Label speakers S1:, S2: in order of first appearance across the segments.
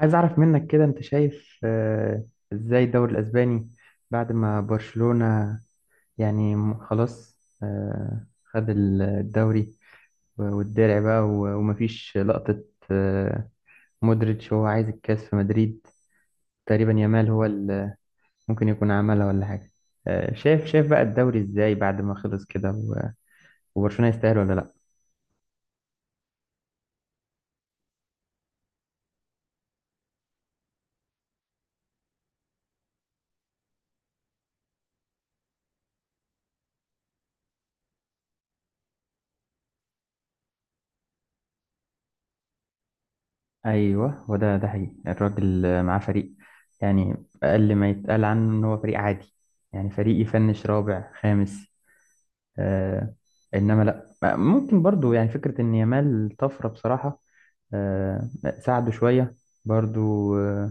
S1: عايز اعرف منك كده انت شايف ازاي الدوري الاسباني بعد ما برشلونة يعني خلاص خد الدوري والدرع بقى ومفيش لقطة آه، مودريتش هو عايز الكاس في مدريد. تقريبا يامال هو اللي ممكن يكون عملها ولا حاجة. شايف، بقى الدوري ازاي بعد ما خلص كده؟ وبرشلونة يستاهل ولا لا؟ ايوه، هو ده حقيقي، الراجل معاه فريق يعني اقل ما يتقال عنه ان هو فريق عادي، يعني فريق يفنش رابع خامس. آه، انما لا، ممكن برضو يعني فكره ان يامال طفره بصراحه. آه، ساعده شويه برضو. آه،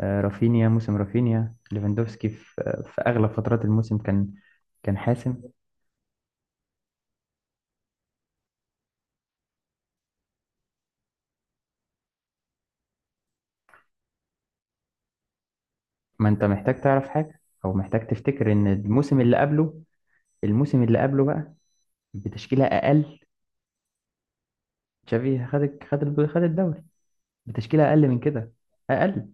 S1: رافينيا، موسم رافينيا ليفاندوفسكي في اغلب فترات الموسم كان، حاسم. ما انت محتاج تعرف حاجه او محتاج تفتكر ان الموسم اللي قبله، بقى بتشكيله اقل. تشافي خد الدوري بتشكيلة أقل من كده. أقل.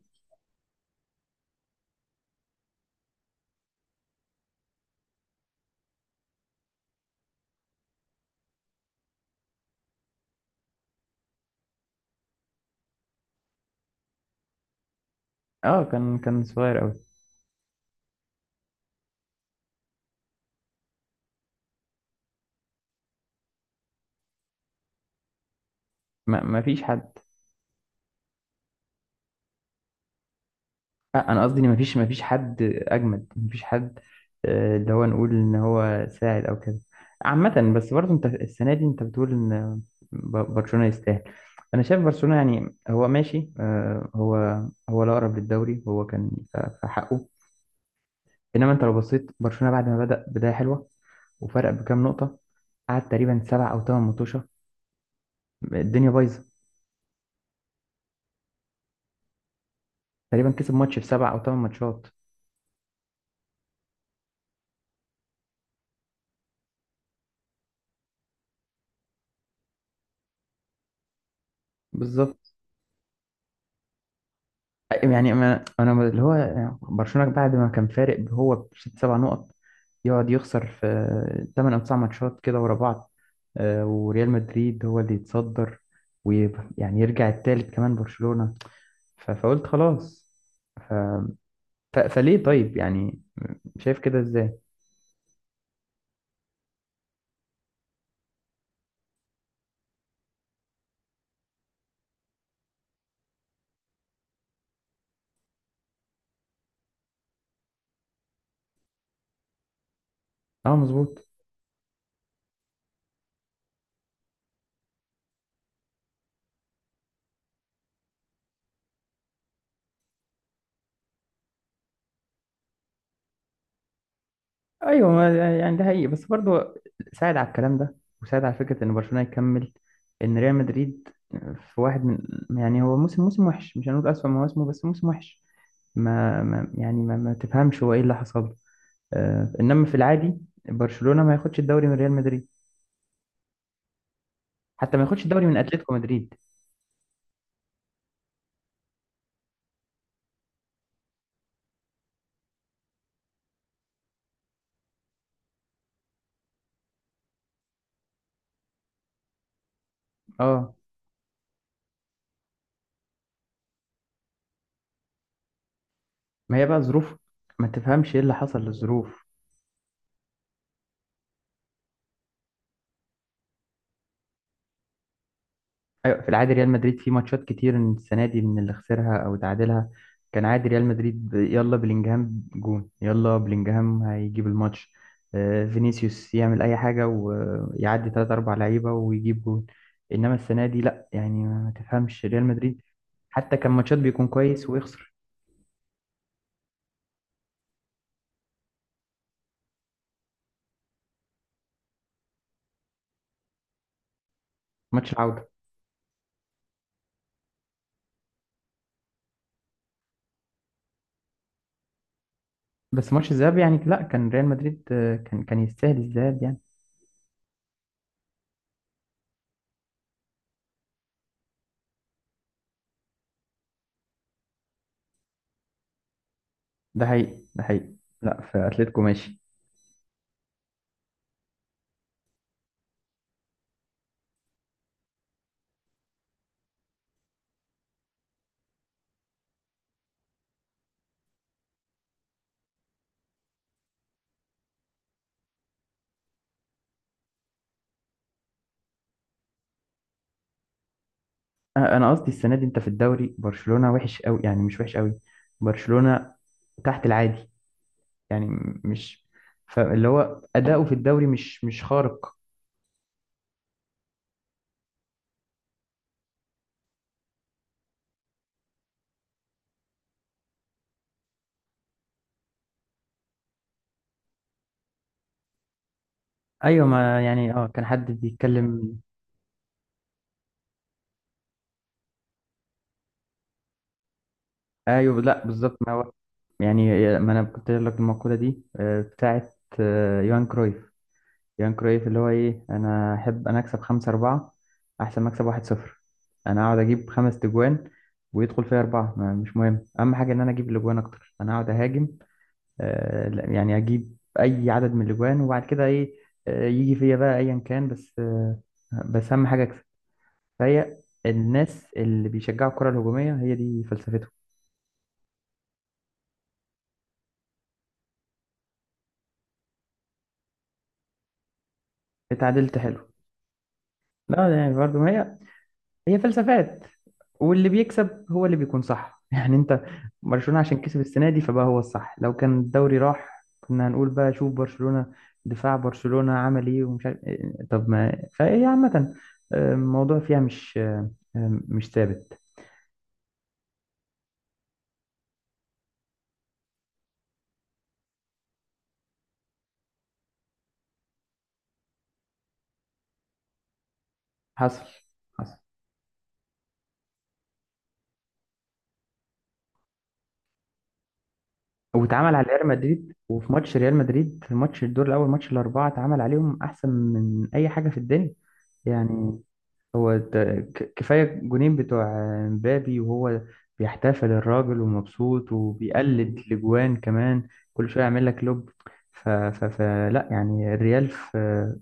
S1: أه، كان، صغير أوي. ما فيش حد. أه، أنا قصدي إن ما فيش، حد أجمد، ما فيش حد اللي هو نقول إن هو ساعد أو كده. عامة بس برضه أنت السنة دي أنت بتقول إن برشلونة يستاهل. أنا شايف برشلونة يعني هو ماشي، هو لا، أقرب للدوري، هو كان في حقه. إنما أنت لو بصيت برشلونة بعد ما بدأ بداية حلوة وفرق بكام نقطة، قعد تقريبا سبع أو ثمان ماتشات الدنيا بايظه، تقريبا كسب ماتش في سبع او ثمان ماتشات. بالظبط. يعني انا، اللي هو برشلونه بعد ما كان فارق هو بست سبع نقط، يقعد يخسر في ثمان او تسع ماتشات كده ورا بعض، وريال مدريد هو اللي يتصدر، ويعني يرجع التالت كمان برشلونه. فقلت خلاص. ف... فليه طيب يعني؟ شايف كده ازاي؟ اه، مظبوط. ايوه، يعني ده حقيقي بس برضه ساعد على الكلام ده، وساعد على فكره ان برشلونه يكمل. ان ريال مدريد في واحد من، يعني هو موسم، وحش، مش هنقول اسوأ مواسمه بس موسم وحش. ما, ما يعني ما, ما تفهمش هو ايه اللي حصل له. آه، انما في العادي برشلونه ما ياخدش الدوري من ريال مدريد، حتى ما ياخدش الدوري من اتلتيكو مدريد. اه، ما هي بقى ظروف، ما تفهمش ايه اللي حصل للظروف. ايوه، في العادي ريال مدريد في ماتشات كتير السنه دي من اللي خسرها او تعادلها كان عادي. ريال مدريد يلا بلينجهام جون، يلا بلينجهام هيجيب الماتش، فينيسيوس يعمل اي حاجه ويعدي ثلاثة اربع لعيبه ويجيب جون. انما السنه دي لا، يعني ما تفهمش ريال مدريد، حتى كان ماتشات بيكون كويس ويخسر. ماتش العوده. بس ماتش الذهاب يعني لا، كان ريال مدريد كان، يستاهل الذهاب يعني. ده حقيقي، ده حقيقي. لا، في اتلتيكو ماشي. انا قصدي السنه دي انت في الدوري برشلونه وحش قوي، يعني مش وحش قوي، برشلونه تحت العادي يعني، مش، فاللي هو اداؤه في الدوري مش، خارق. ايوه، ما يعني اه كان حد بيتكلم. ايوه لا بالظبط، ما هو يعني ما انا كنت قايل لك المقوله دي بتاعت يوهان كرويف. يوهان كرويف اللي هو ايه، انا احب انا اكسب 5-4 احسن ما اكسب 1-0. انا اقعد اجيب خمس تجوان ويدخل فيها اربعه، مش مهم، اهم حاجه ان انا اجيب الاجوان اكتر، انا اقعد اهاجم. لا، يعني اجيب اي عدد من الاجوان، وبعد كده ايه، يجي فيا بقى ايا كان، بس بس اهم حاجه اكسب. فهي الناس اللي بيشجعوا الكره الهجوميه هي دي فلسفتهم. اتعادلت حلو. لا يعني برضه ما هي، هي فلسفات. واللي بيكسب هو اللي بيكون صح يعني. انت برشلونه عشان كسب السنه دي فبقى هو الصح. لو كان الدوري راح كنا هنقول بقى شوف برشلونه، دفاع برشلونه عمل ايه ومش عارف إيه. طب ما فهي عامه، الموضوع فيها مش مش ثابت. حصل، حصل، واتعمل على ريال مدريد. وفي ماتش ريال مدريد، في ماتش الدور الاول، ماتش الاربعه، اتعمل عليهم احسن من اي حاجه في الدنيا يعني. هو كفايه جونين بتوع مبابي، وهو بيحتفل الراجل ومبسوط وبيقلد لجوان كمان، كل شويه يعمل لك لوب. ف ف فلا يعني الريال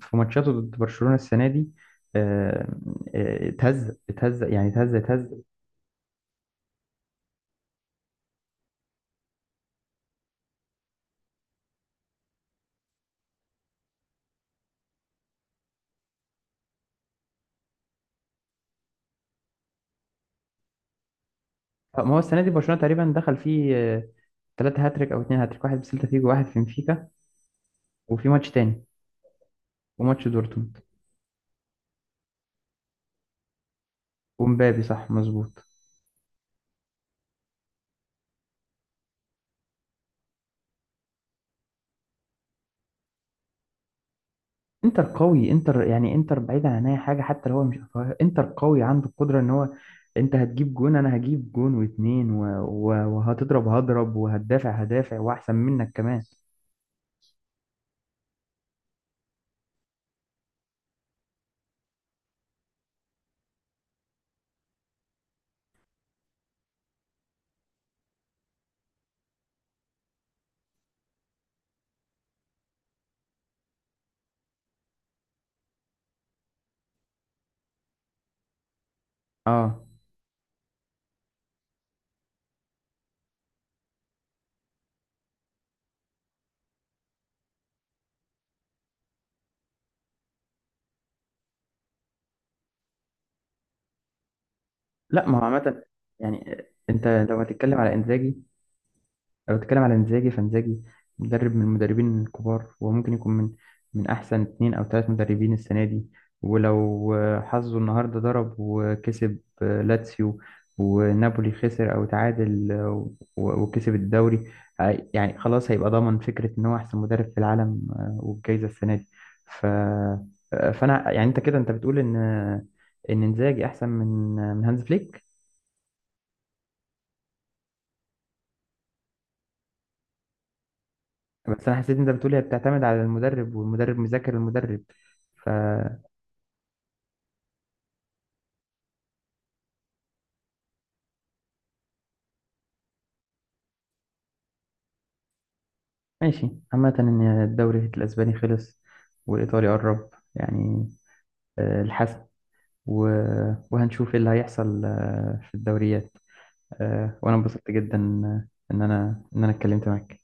S1: في ماتشاته ضد برشلونه السنه دي، آه، اتهزق اتهزق يعني اتهزق اتهزق. ما هو السنه دي برشلونه تقريبا دخل فيه ثلاثة هاتريك أو اتنين هاتريك، واحد بسيلتا فيجو، واحد في بنفيكا، وفي ماتش تاني وماتش دورتموند ومبابي. صح مظبوط. انتر قوي. انتر يعني، انتر بعيدا عن اي حاجه، حتى لو هو مش أفواه، انتر قوي عنده القدره ان هو انت هتجيب جون انا هجيب جون واتنين وهتضرب هضرب وهتدافع هدافع واحسن منك كمان. اه لا، ما هو عامه يعني انت لو هتتكلم على انزاجي، لو بتتكلم على انزاجي فانزاجي مدرب من المدربين الكبار، وممكن يكون من احسن اتنين او تلات مدربين السنه دي. ولو حظه النهارده ضرب وكسب لاتسيو، ونابولي خسر او تعادل، وكسب الدوري، يعني خلاص هيبقى ضامن فكره ان هو احسن مدرب في العالم والجايزه السنه دي. ف آه، فانا يعني انت كده انت بتقول ان ان انزاجي احسن من من هانز فليك. بس انا حسيت إن انت بتقولي هي بتعتمد على المدرب والمدرب مذاكر المدرب. ف ماشي. عامة ان الدوري الاسباني خلص والايطالي قرب يعني الحسم، و... وهنشوف ايه اللي هيحصل في الدوريات. وانا انبسطت جدا آه، ان انا، اتكلمت معاك